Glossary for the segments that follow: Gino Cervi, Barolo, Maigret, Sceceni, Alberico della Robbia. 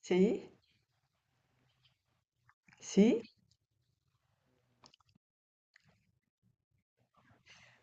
Sì, sì.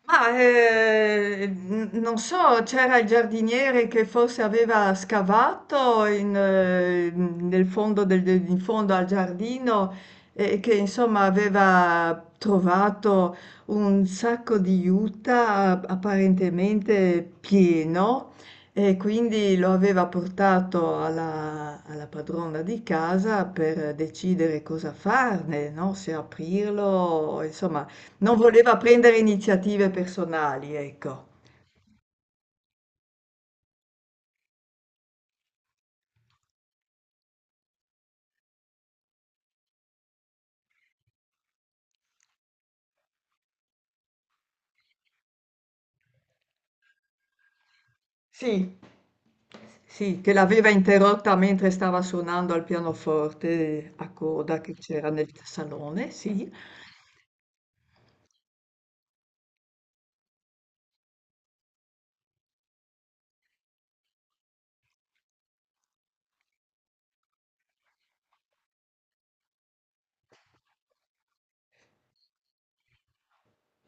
Ma non so, c'era il giardiniere che forse aveva scavato nel in fondo al giardino e che insomma aveva trovato un sacco di juta apparentemente pieno, e quindi lo aveva portato alla padrona di casa per decidere cosa farne, no? Se aprirlo, insomma. Non voleva prendere iniziative personali, ecco. Sì, sì, che l'aveva interrotta mentre stava suonando al pianoforte a coda che c'era nel salone, sì.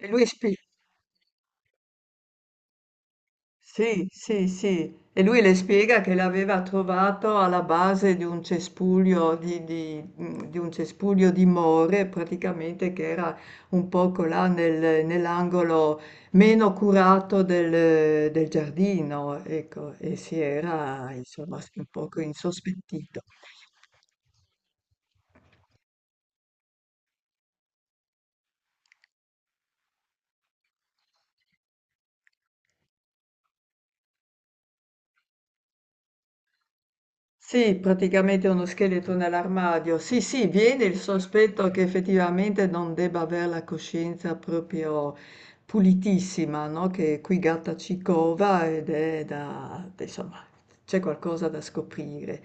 E lui spi Sì, sì, sì. E lui le spiega che l'aveva trovato alla base di un cespuglio di un cespuglio di more, praticamente, che era un poco là nell'angolo meno curato del giardino, ecco, e si era insomma un poco insospettito. Sì, praticamente uno scheletro nell'armadio. Sì, sì, viene il sospetto che effettivamente non debba avere la coscienza proprio pulitissima, no? Che qui gatta ci cova, ed è da, insomma, c'è qualcosa da scoprire.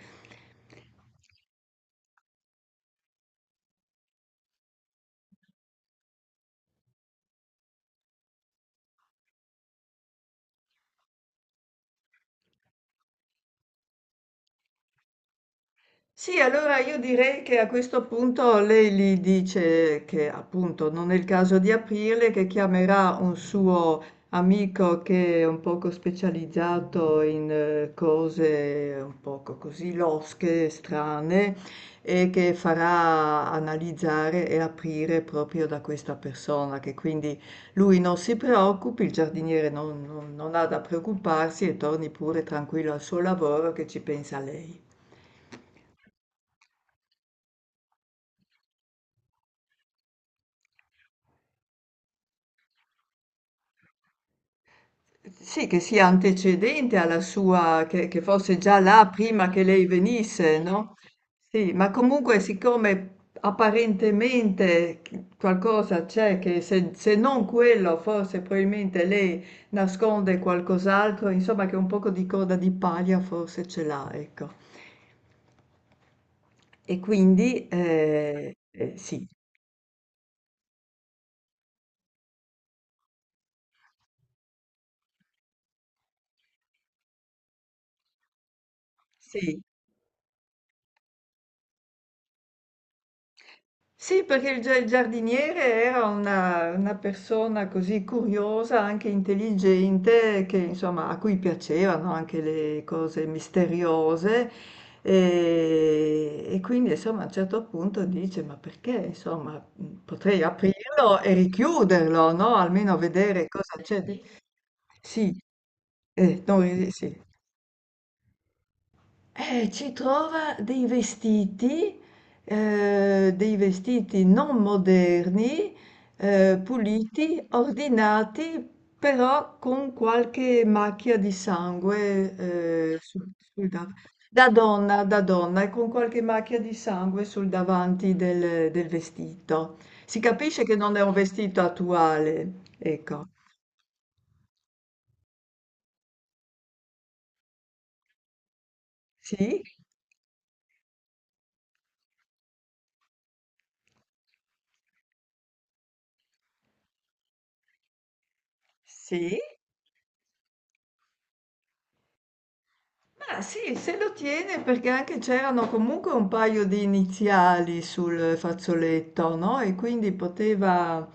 Sì, allora io direi che a questo punto lei gli dice che appunto non è il caso di aprirle, che chiamerà un suo amico che è un poco specializzato in cose un poco così losche, strane, e che farà analizzare e aprire proprio da questa persona, che quindi lui non si preoccupi, il giardiniere non ha da preoccuparsi e torni pure tranquillo al suo lavoro, che ci pensa lei. Sì, che sia antecedente alla sua, che fosse già là prima che lei venisse, no? Sì, ma comunque, siccome apparentemente qualcosa c'è, che se non quello, forse probabilmente lei nasconde qualcos'altro, insomma, che un poco di coda di paglia forse ce l'ha, ecco. E quindi, sì, sì. Sì, perché il giardiniere era una persona così curiosa, anche intelligente, che insomma, a cui piacevano anche le cose misteriose, e quindi insomma a un certo punto dice, ma perché insomma, potrei aprirlo e richiuderlo, no? Almeno vedere cosa c'è. Sì, no, Sì. Ci trova dei vestiti non moderni, puliti, ordinati, però con qualche macchia di sangue, eh, sul- sul dav- da donna, e con qualche macchia di sangue sul davanti del vestito. Si capisce che non è un vestito attuale, ecco. Sì, sì. Ma sì, se lo tiene perché anche c'erano comunque un paio di iniziali sul fazzoletto, no? E quindi poteva,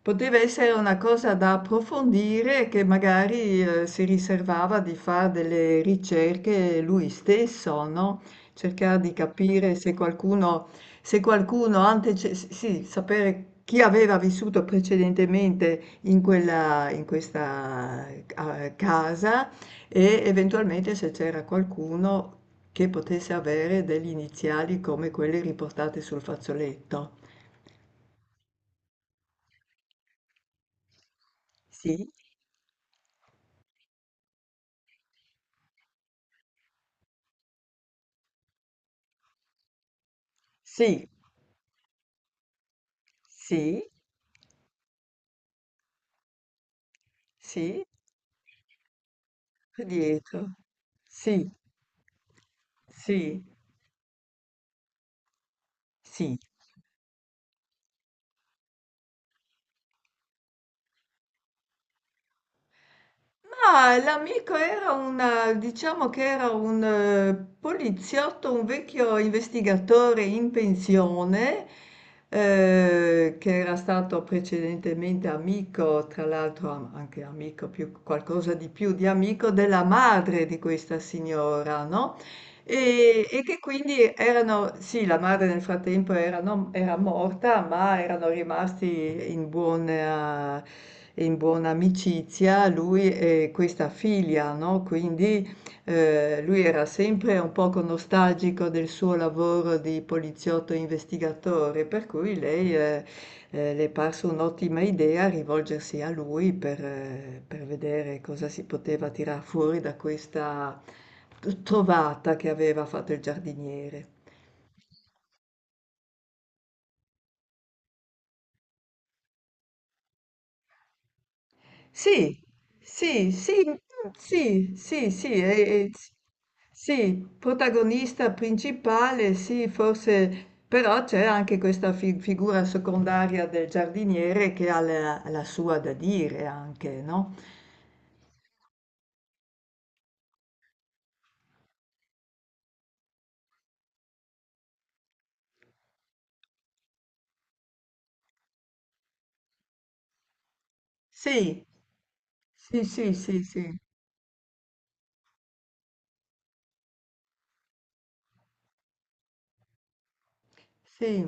poteva essere una cosa da approfondire, che magari si riservava di fare delle ricerche lui stesso, no? Cercare di capire se qualcuno, sì, sapere chi aveva vissuto precedentemente in questa casa, e eventualmente se c'era qualcuno che potesse avere delle iniziali come quelle riportate sul fazzoletto. Sì, sì, sì, sì, dietro. Sì, sì, sì. Ma l'amico era una, diciamo che era un poliziotto, un vecchio investigatore in pensione, che era stato precedentemente amico, tra l'altro anche amico, più, qualcosa di più di amico della madre di questa signora, no? E che quindi erano, sì, la madre nel frattempo era morta, ma erano rimasti in buona amicizia lui e questa figlia, no? Quindi lui era sempre un poco nostalgico del suo lavoro di poliziotto investigatore, per cui lei... le è parso un'ottima idea rivolgersi a lui per vedere cosa si poteva tirar fuori da questa t trovata che aveva fatto il giardiniere. Sì, sì, sì, sì, sì, sì, e s sì, protagonista principale, sì, forse però c'è anche questa fi figura secondaria del giardiniere, che ha la sua da dire anche, no? Sì, sì, sì, sì, sì. Sì,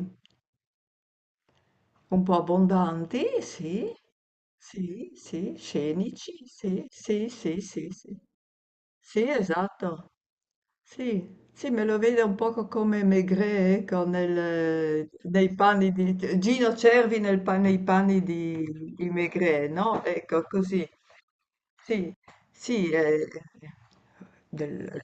un po' abbondanti, sì, sì, sì, scenici, sì, sì, sì, sì, sì, sì, esatto, sì, sì, me lo vedo un poco come Maigret, ecco, nei panni di, Gino Cervi nei panni di Maigret, no? Ecco, così, sì, sì, del-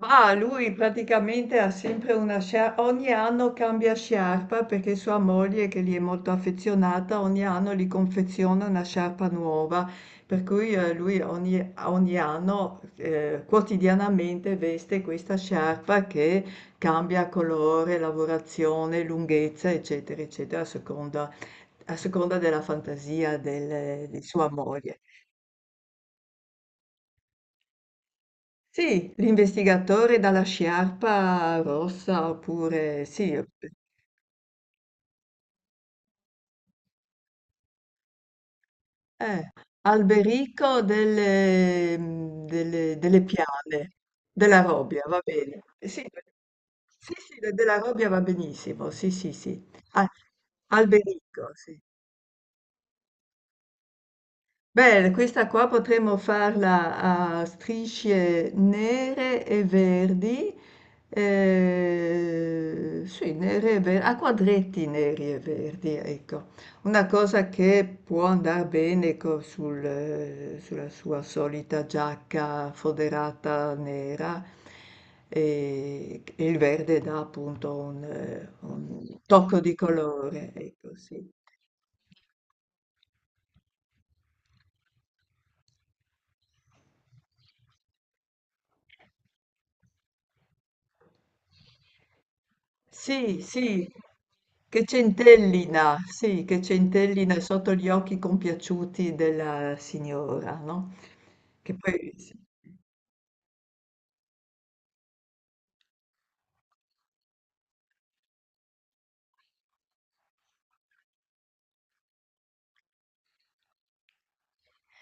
mah, lui praticamente ha sempre una scia ogni anno cambia sciarpa, perché sua moglie, che gli è molto affezionata, ogni anno gli confeziona una sciarpa nuova, per cui lui ogni anno quotidianamente veste questa sciarpa, che cambia colore, lavorazione, lunghezza, eccetera, eccetera, a seconda della fantasia di sua moglie. Sì, l'investigatore dalla sciarpa rossa, oppure sì, eh, Alberico delle Piane, della Robbia, va bene. Sì, sì, sì, della Robbia va benissimo, sì, sì, sì. Ah, Alberico, sì. Beh, questa qua potremmo farla a strisce nere e verdi, sì, nere e verdi, a quadretti neri e verdi, ecco. Una cosa che può andare bene sul, sulla sua solita giacca foderata nera, e il verde dà appunto un tocco di colore, ecco, sì. Sì, sì, che centellina sotto gli occhi compiaciuti della signora, no? Che poi,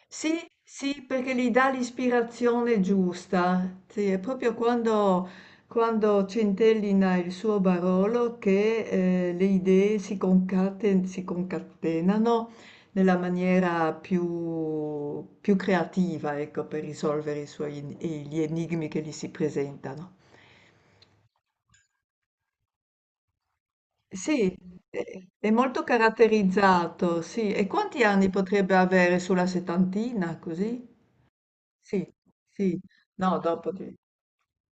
sì, sì, perché gli dà l'ispirazione giusta. Sì, è proprio quando, quando centellina il suo Barolo che le idee si concatenano nella maniera più, più creativa, ecco, per risolvere i suoi, gli enigmi che gli si presentano. Sì, è molto caratterizzato, sì. E quanti anni potrebbe avere, sulla settantina, così? Sì, sì. No, dopo di...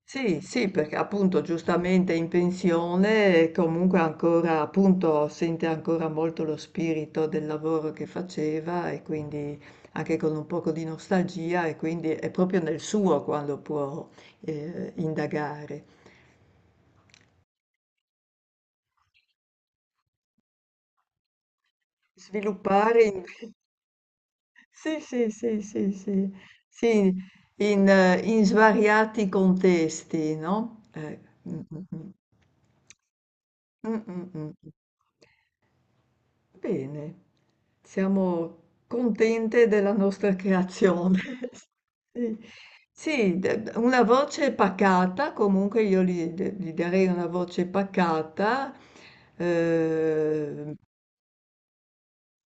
Sì, sì, perché appunto, giustamente, in pensione, e comunque ancora, appunto, sente ancora molto lo spirito del lavoro che faceva, e quindi anche con un poco di nostalgia, e quindi è proprio nel suo quando può indagare. Sviluppare in- Sì, sì, sì, sì, sì, sì, in svariati contesti, no? Mm, mm, mm. Mm, mm, mm. Bene, siamo contente della nostra creazione. Sì, sì, una voce pacata, comunque io gli, gli darei una voce pacata, eh.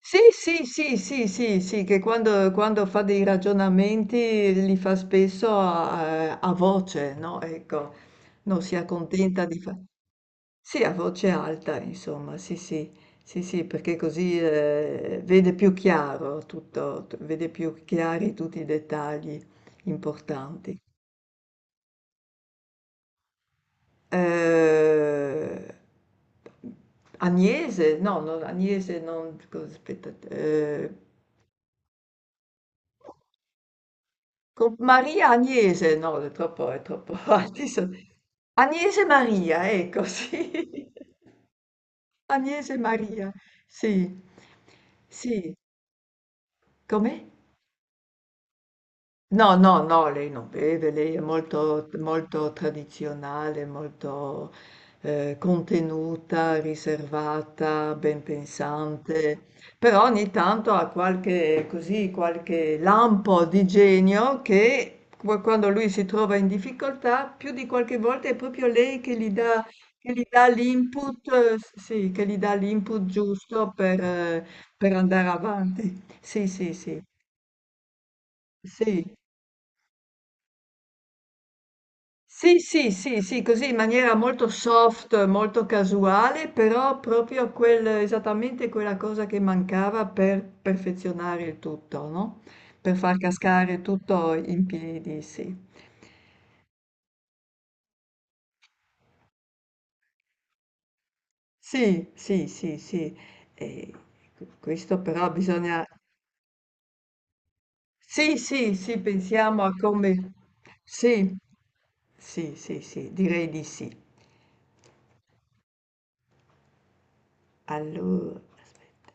Sì, sì, sì, sì, sì, sì, che quando, quando fa dei ragionamenti li fa spesso a voce, no? Ecco, non si accontenta di fare... Sì, a voce alta, insomma, sì, sì, sì, sì, perché così vede più chiaro tutto, vede più chiari tutti i dettagli importanti. Eh, Agnese, no, non, Agnese, non, aspetta, con Maria Agnese, no, è troppo avanti. Agnese Maria, ecco, sì. Agnese Maria, sì. Sì, come? No, no, no, lei non beve, lei è molto, molto tradizionale, molto contenuta, riservata, ben pensante, però ogni tanto ha qualche, così, qualche lampo di genio, che quando lui si trova in difficoltà, più di qualche volta è proprio lei che gli dà l'input, sì, che gli dà l'input giusto per andare avanti. Sì, sì, sì, sì. Sì, sì, sì, sì, così in maniera molto soft, molto casuale, però proprio quel, esattamente quella cosa che mancava per perfezionare il tutto, no? Per far cascare tutto in piedi, sì. Sì, sì, sì, sì. E questo però bisogna... Sì, sì, sì, pensiamo a come... Sì, sì, sì, sì, direi di sì. Allora, aspetta.